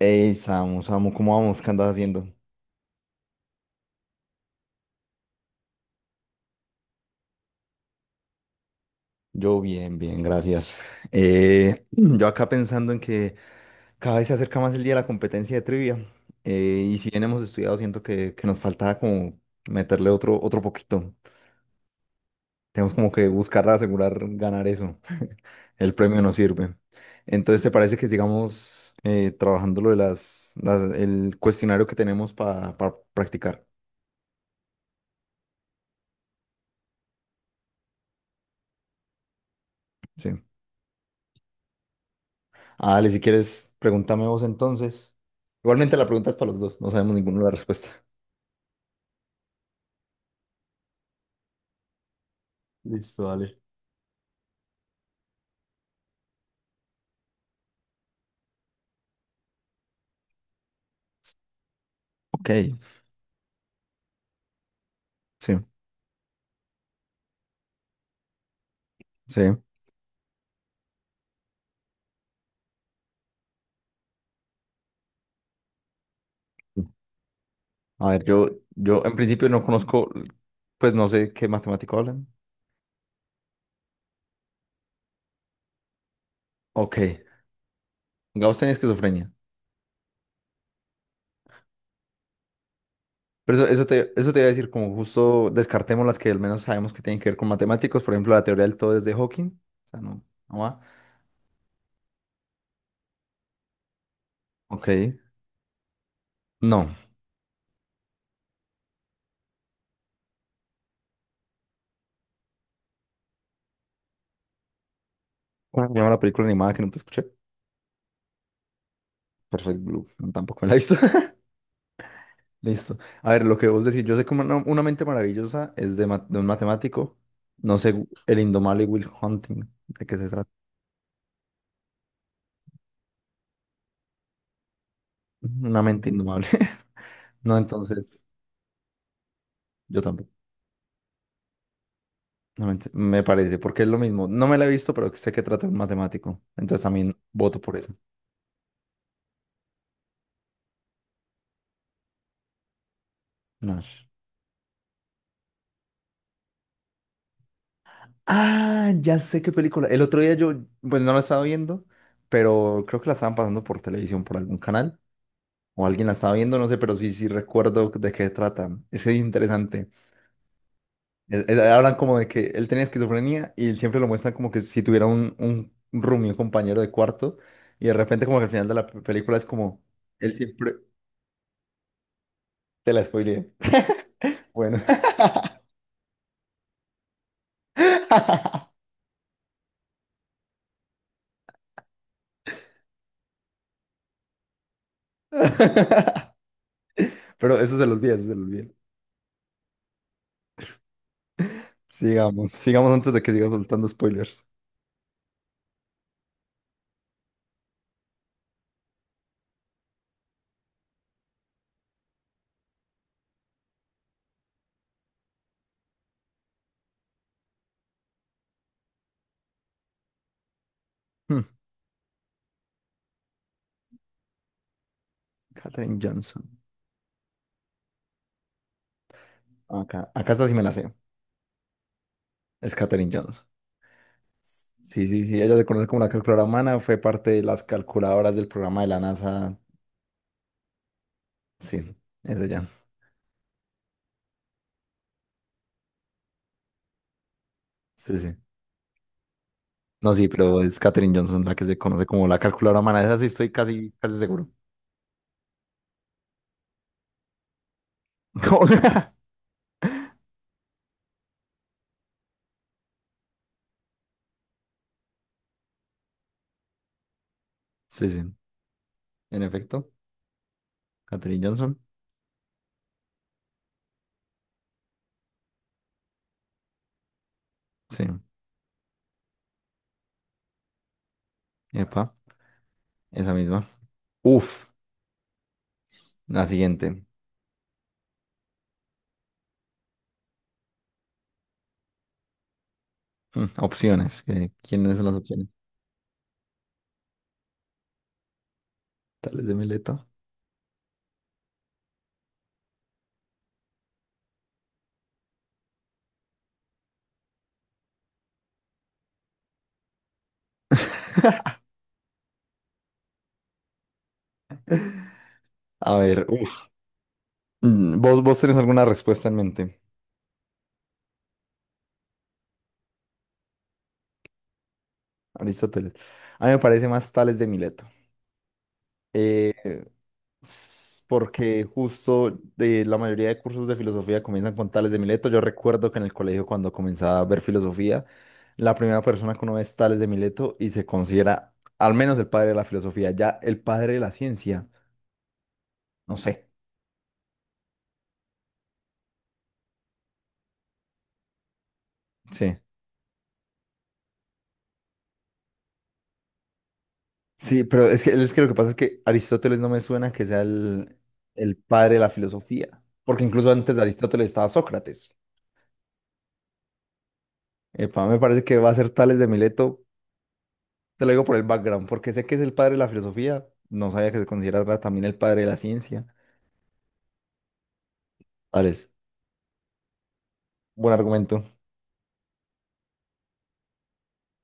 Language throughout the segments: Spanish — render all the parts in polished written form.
Hey, Samu, Samu, ¿cómo vamos? ¿Qué andas haciendo? Yo bien, bien, gracias. Yo acá pensando en que cada vez se acerca más el día de la competencia de trivia. Y si bien hemos estudiado, siento que nos faltaba como meterle otro, otro poquito. Tenemos como que buscar asegurar ganar eso. El premio nos sirve. Entonces, ¿te parece que sigamos trabajando lo de el cuestionario que tenemos para practicar? Sí. Ah, Ale, si quieres, pregúntame vos entonces. Igualmente la pregunta es para los dos, no sabemos ninguno la respuesta. Listo, dale. Ok, sí, sí. A ver, yo en principio no conozco, pues no sé qué matemático hablan. Ok, Gauss tenía esquizofrenia. Pero eso te iba a decir, como justo descartemos las que al menos sabemos que tienen que ver con matemáticos, por ejemplo, la teoría del todo es de Hawking. O sea, no, no va. Ok, no. ¿Cómo se llama la película animada que no te escuché? Perfect Blue, no, tampoco me la he visto. Listo. A ver, lo que vos decís, yo sé que una mente maravillosa es de, de un matemático, no sé, el indomable Will Hunting, ¿de qué se trata? Una mente indomable. No, entonces, yo tampoco. Una mente, me parece, porque es lo mismo. No me la he visto, pero sé que trata de un matemático. Entonces también voto por eso. Nash. Ah, ya sé qué película. El otro día yo, pues no la estaba viendo, pero creo que la estaban pasando por televisión, por algún canal, o alguien la estaba viendo, no sé, pero sí, sí recuerdo de qué trata. Es interesante. Hablan como de que él tenía esquizofrenia y siempre lo muestran como que si tuviera un roomie, un compañero de cuarto. Y de repente como que al final de la película es como, él siempre te la spoileé. Bueno. Pero eso se lo olvida. Sigamos, sigamos antes de que siga soltando spoilers. Hmm, Katherine Johnson. Acá, acá esta sí me la sé. Es Katherine Johnson. Sí, sí, sí, ella se conoce como la calculadora humana, fue parte de las calculadoras del programa de la NASA. Sí, es ella. Sí, sí. No, sí, pero es Katherine Johnson la que se conoce como la calculadora humana. Esa sí estoy casi, casi seguro. Sí, sí. En efecto, Katherine Johnson. Sí. Epa, esa misma. Uf, la siguiente. Mm, opciones. ¿Quiénes son las opciones? Tales de Mileto. A ver, uf. Mm, ¿Vos tenés alguna respuesta en mente? Aristóteles. A mí me parece más Tales de Mileto. Porque justo de la mayoría de cursos de filosofía comienzan con Tales de Mileto. Yo recuerdo que en el colegio cuando comenzaba a ver filosofía, la primera persona que uno ve es Tales de Mileto y se considera al menos el padre de la filosofía, ya el padre de la ciencia, no sé, sí. Sí, pero es que lo que pasa es que Aristóteles no me suena que sea el padre de la filosofía, porque incluso antes de Aristóteles estaba Sócrates. Epa, me parece que va a ser Tales de Mileto. Te lo digo por el background, porque sé que es el padre de la filosofía. No sabía que se consideraba también el padre de la ciencia. Alex, buen argumento.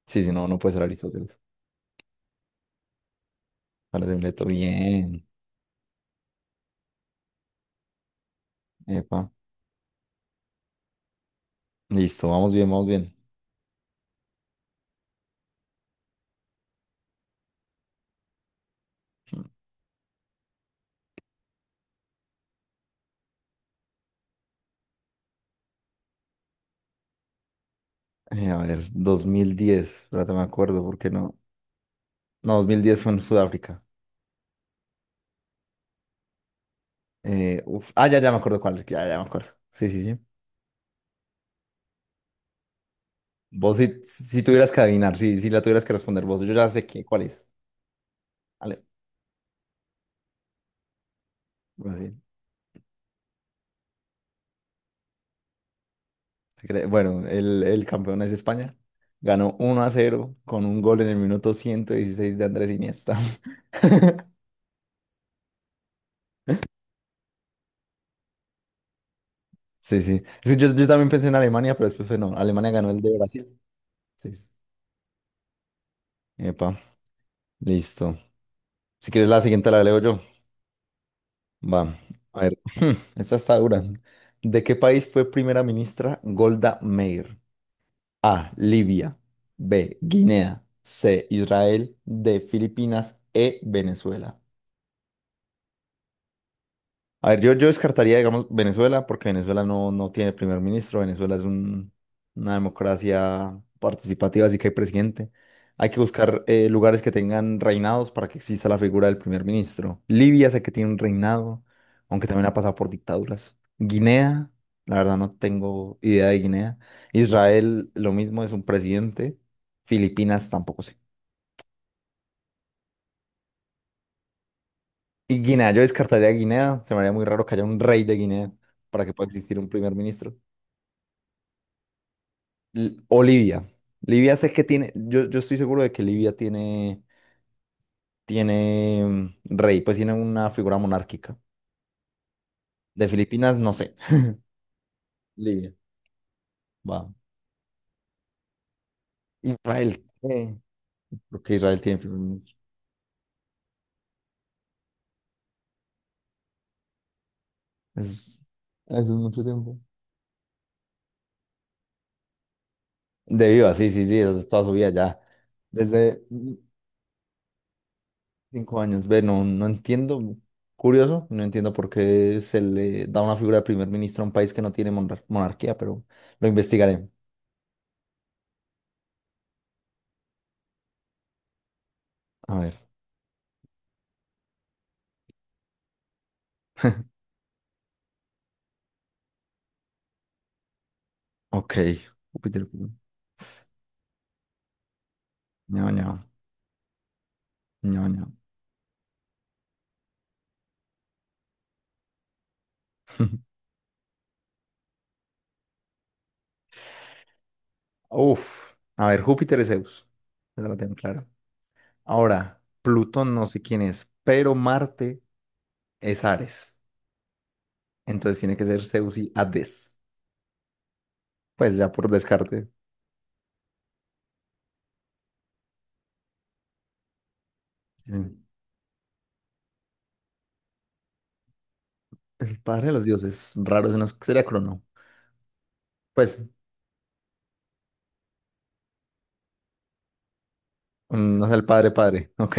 Sí, sí, no, no puede ser Aristóteles. Alex de Mileto, bien. Epa. Listo, vamos bien, vamos bien. A ver, 2010, espérate, me acuerdo, ¿porque no? No, dos mil diez fue en Sudáfrica. Uf. Ah, ya, ya me acuerdo cuál, ya, ya me acuerdo. Sí, sí, sí. Vos si tuvieras que adivinar, si la tuvieras que responder vos, yo ya sé qué, cuál es. Vale, bueno, el campeón es España. Ganó 1-0 con un gol en el minuto 116 de Andrés Iniesta. Sí, sí. Sí, yo también pensé en Alemania, pero después fue no. Alemania ganó el de Brasil. Sí. Sí. Epa, listo. Si quieres la siguiente la leo yo. Va. A ver. Esta está dura. ¿De qué país fue primera ministra Golda Meir? A. Libia. B. Guinea. C. Israel. D. Filipinas. E. Venezuela. A ver, yo descartaría, digamos, Venezuela, porque Venezuela no tiene primer ministro. Venezuela es una democracia participativa, así que hay presidente. Hay que buscar lugares que tengan reinados para que exista la figura del primer ministro. Libia sé que tiene un reinado, aunque también ha pasado por dictaduras. Guinea, la verdad no tengo idea de Guinea. Israel, lo mismo, es un presidente. Filipinas, tampoco sé. Y Guinea, yo descartaría Guinea. Se me haría muy raro que haya un rey de Guinea para que pueda existir un primer ministro. O Livia. Livia sé que tiene, yo estoy seguro de que Libia tiene, tiene rey, pues tiene una figura monárquica. De Filipinas, no sé. Libia, va. Israel, porque Israel tiene primer ministro. Es- Eso es mucho tiempo. De viva, sí, sí, sí, eso es toda su vida ya. Desde 5 años. Ve, no, no entiendo. Curioso, no entiendo por qué se le da una figura de primer ministro a un país que no tiene monarquía, pero lo investigaré. A ver. Ok, Júpiter, no, no, no, no. Uf, a ver, Júpiter es Zeus, esa la tengo clara. Ahora, Plutón no sé quién es, pero Marte es Ares, entonces tiene que ser Zeus y Hades, pues ya por descarte. Sí. El padre de los dioses, raro, ese no sería Crono, pues no es el padre padre, ok,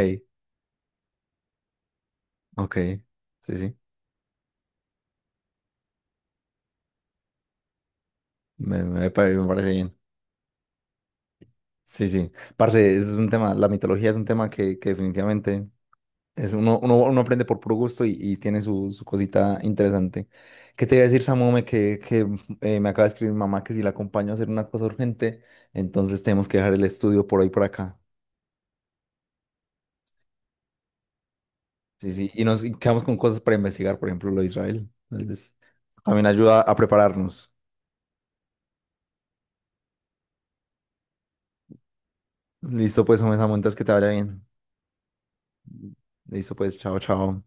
ok, sí, sí, me parece bien, sí, sí. Parce, es un tema, la mitología es un tema que definitivamente... Es uno aprende por puro gusto y tiene su, su cosita interesante. ¿Qué te iba a decir, Samome? Que me acaba de escribir mi mamá que si la acompaño a hacer una cosa urgente, entonces tenemos que dejar el estudio por hoy por acá. Sí, sí. Y nos y quedamos con cosas para investigar, por ejemplo, lo de Israel. Entonces, también ayuda a prepararnos. Listo, pues, Samome, Samu, entonces que te vaya bien. Listo, pues, chao, chao.